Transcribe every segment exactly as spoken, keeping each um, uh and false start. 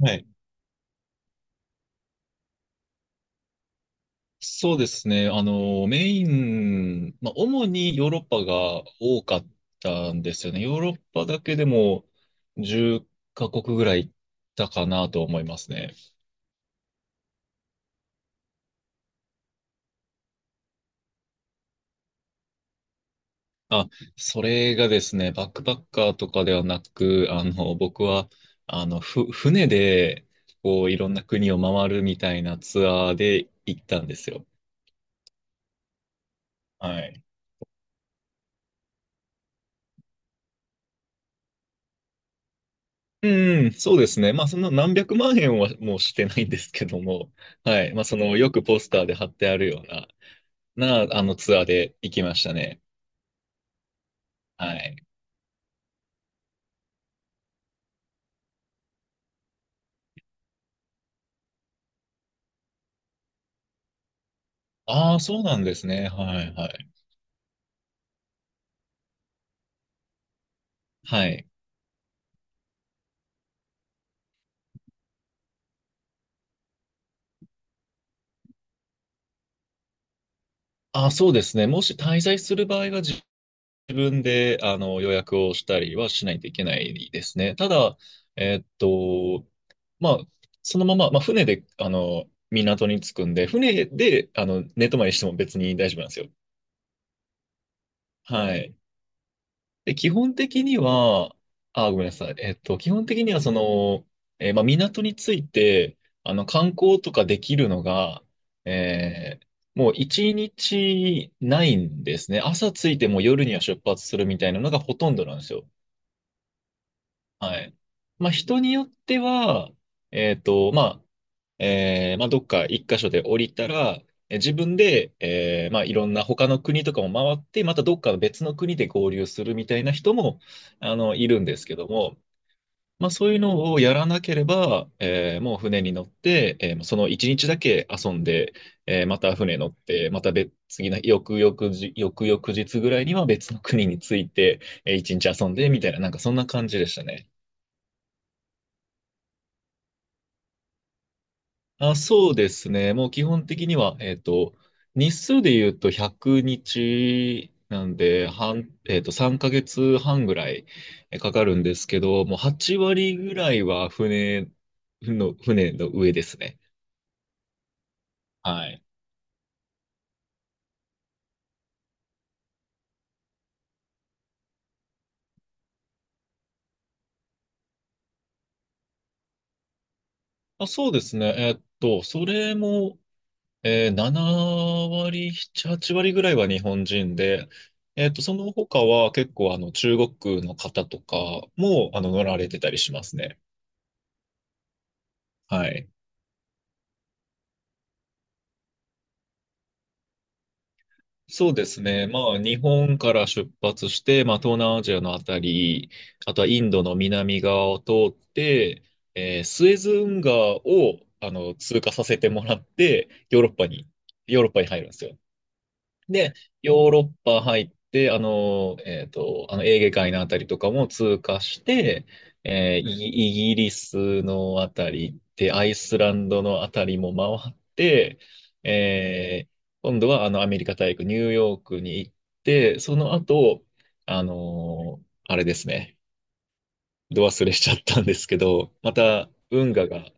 はい。そうですね。あの、メイン、まあ、主にヨーロッパが多かったんですよね。ヨーロッパだけでもじゅっかこくカ国ぐらい行ったかなと思いますね。あ、それがですね、バックパッカーとかではなく、あの、僕は、あの、ふ、船で、こう、いろんな国を回るみたいなツアーで行ったんですよ。はい。うん、そうですね。まあ、そんな何百万円はもうしてないんですけども、はい。まあ、その、よくポスターで貼ってあるような、な、あの、ツアーで行きましたね。はい。ああ、そうなんですね。はい、はい。はい。ああ、そうですね。もし滞在する場合は自分で、あの、予約をしたりはしないといけないですね。ただ、えーっと、まあ、そのまま、まあ、船で、あの、港に着くんで、船で、あの、寝泊まりしても別に大丈夫なんですよ。はい。で、基本的には、あ、ごめんなさい。えっと、基本的には、その、えーまあ、港について、あの、観光とかできるのが、えーもう一日ないんですね。朝着いてもう夜には出発するみたいなのがほとんどなんですよ。はい。まあ、人によっては、えっと、まあ、えーまあ、どっか一箇所で降りたら、えー自分で、えーまあ、いろんな他の国とかも回って、またどっか別の国で合流するみたいな人も、あの、いるんですけども、まあ、そういうのをやらなければ、えーもう船に乗って、えーその一日だけ遊んで、えーまた船乗って、また別、次の翌々日、翌々日ぐらいには別の国に着いて、えー一日遊んで、みたいな、なんかそんな感じでしたね。あ、そうですね。もう基本的には、えっと、日数で言うとひゃくにちなんで、半、えっと、さんかげつはんぐらいえかかるんですけど、もうはちわり割ぐらいは船の、船の上ですね。はい。あ、そうですね。えっと、それも、えー、ななわり割、なな、はち割ぐらいは日本人で、えっと、その他は結構あの中国の方とかもあの乗られてたりしますね。はい。そうですね。まあ、日本から出発して、まあ、東南アジアのあたり、あとはインドの南側を通って、えースエズ運河を、あの、通過させてもらって、ヨーロッパに、ヨーロッパに入るんですよ。で、ヨーロッパ入って、あの、えっと、あの、エーゲ海のあたりとかも通過して、えーイギイギリスのあたりで、アイスランドのあたりも回って、えー今度はあの、アメリカ大陸、ニューヨークに行って、その後、あのーあれですね、ど忘れしちゃったんですけど、また、運河が、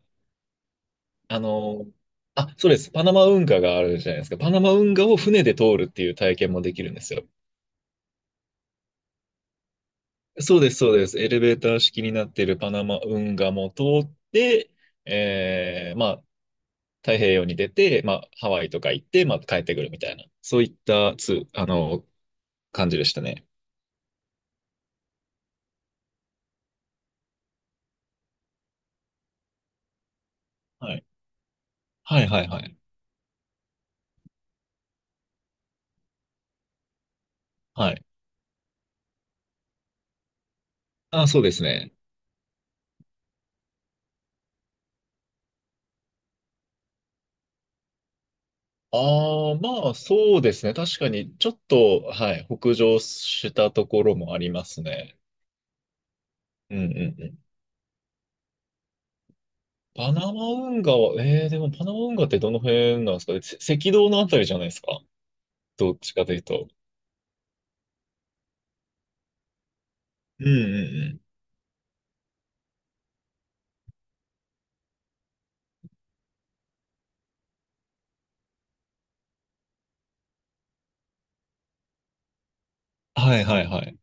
あのーあ、そうです。パナマ運河があるじゃないですか。パナマ運河を船で通るっていう体験もできるんですよ。そうです、そうです。エレベーター式になっているパナマ運河も通って、えー、まあ、太平洋に出て、まあ、ハワイとか行って、まあ、帰ってくるみたいな、そういったつ、あの、感じでしたね。はい。はい、はい、はい。はい。あ、そうですね。ああ、まあ、そうですね。確かに、ちょっと、はい、北上したところもありますね。うん、うん、うん。パナマ運河は、えー、でもパナマ運河ってどの辺なんですか？せ赤道のあたりじゃないですか？どっちかというと。うんうんうん。はいはいはい。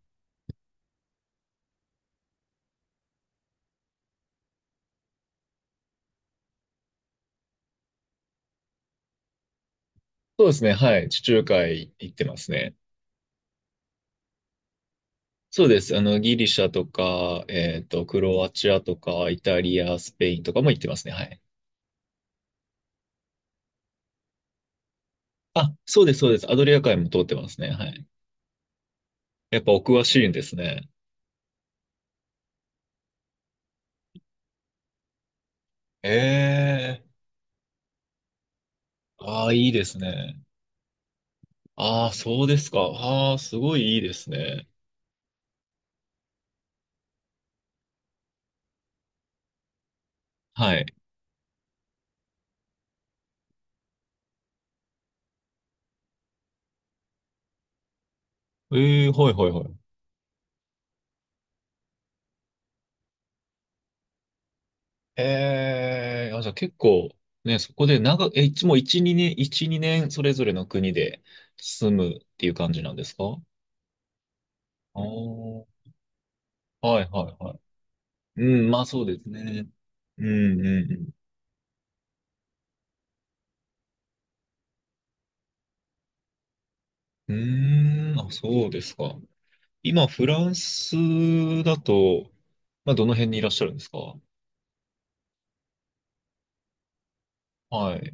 そうですね。はい。地中海行ってますね。そうです。あの、ギリシャとか、えっと、クロアチアとか、イタリア、スペインとかも行ってますね。はい。あ、そうです、そうです。アドリア海も通ってますね。はい。やっぱお詳しいんですね。ええああ、いいですね。ああ、そうですか。ああ、すごいいいですね。はい。ええはいはいはい。ええあ、じゃあ結構、ね、そこで長、え、いつもう一二年、一二年それぞれの国で住むっていう感じなんですか？ああー、はいはいはい。うん、まあそうですね。うんうんうん。うーん、あ、そうですか。今、フランスだと、まあどの辺にいらっしゃるんですか？はい。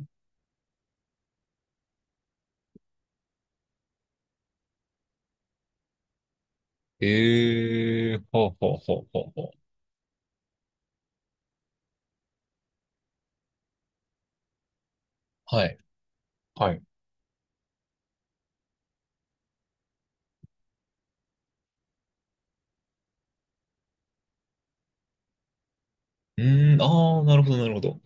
ええはあはあはあはあはあ。はい。はい。うーん、ああ、なるほどなるほど。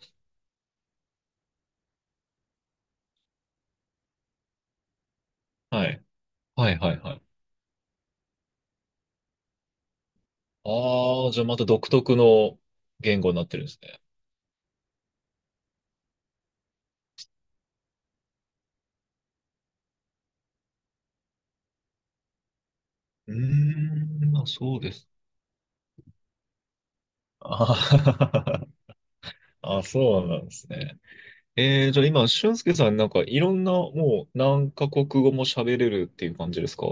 はい。はいはいはい。ああ、じゃあまた独特の言語になってるんですね。うーん、まあそうです。あー あ、そうなんですね。えー、じゃあ今、俊介さんなんかいろんなもう何カ国語も喋れるっていう感じですか？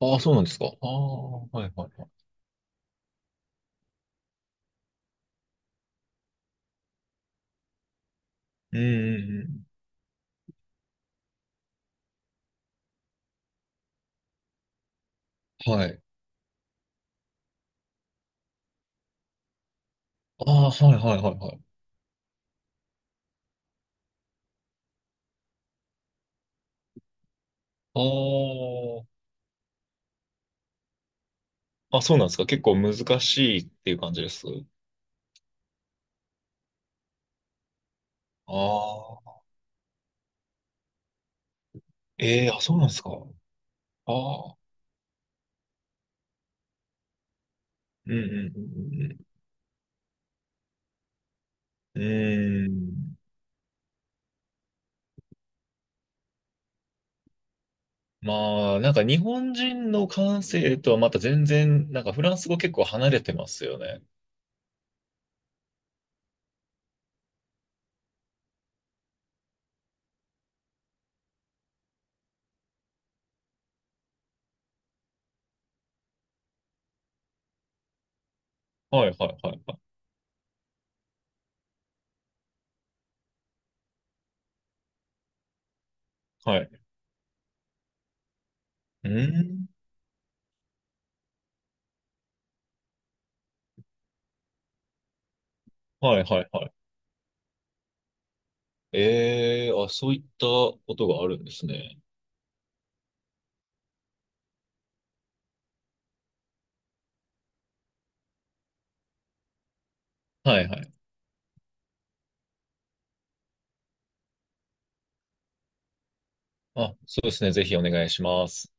ああ、そうなんですか。ああ、はいはいはい。うんうんうん。はい。ああ、はいはいはいはい。ああ、あ、そうなんですか。結構難しいっていう感じです。ああ、ええー、あ、そうなんですか。ああ、うんうんうんうん。うん。うーん、まあ、なんか日本人の感性とはまた全然、なんかフランス語結構離れてますよね。はいはいはいはい。はい。うん。はいはいはい。ええー、あ、そういったことがあるんですね。はいはい。あ、そうですね。ぜひお願いします。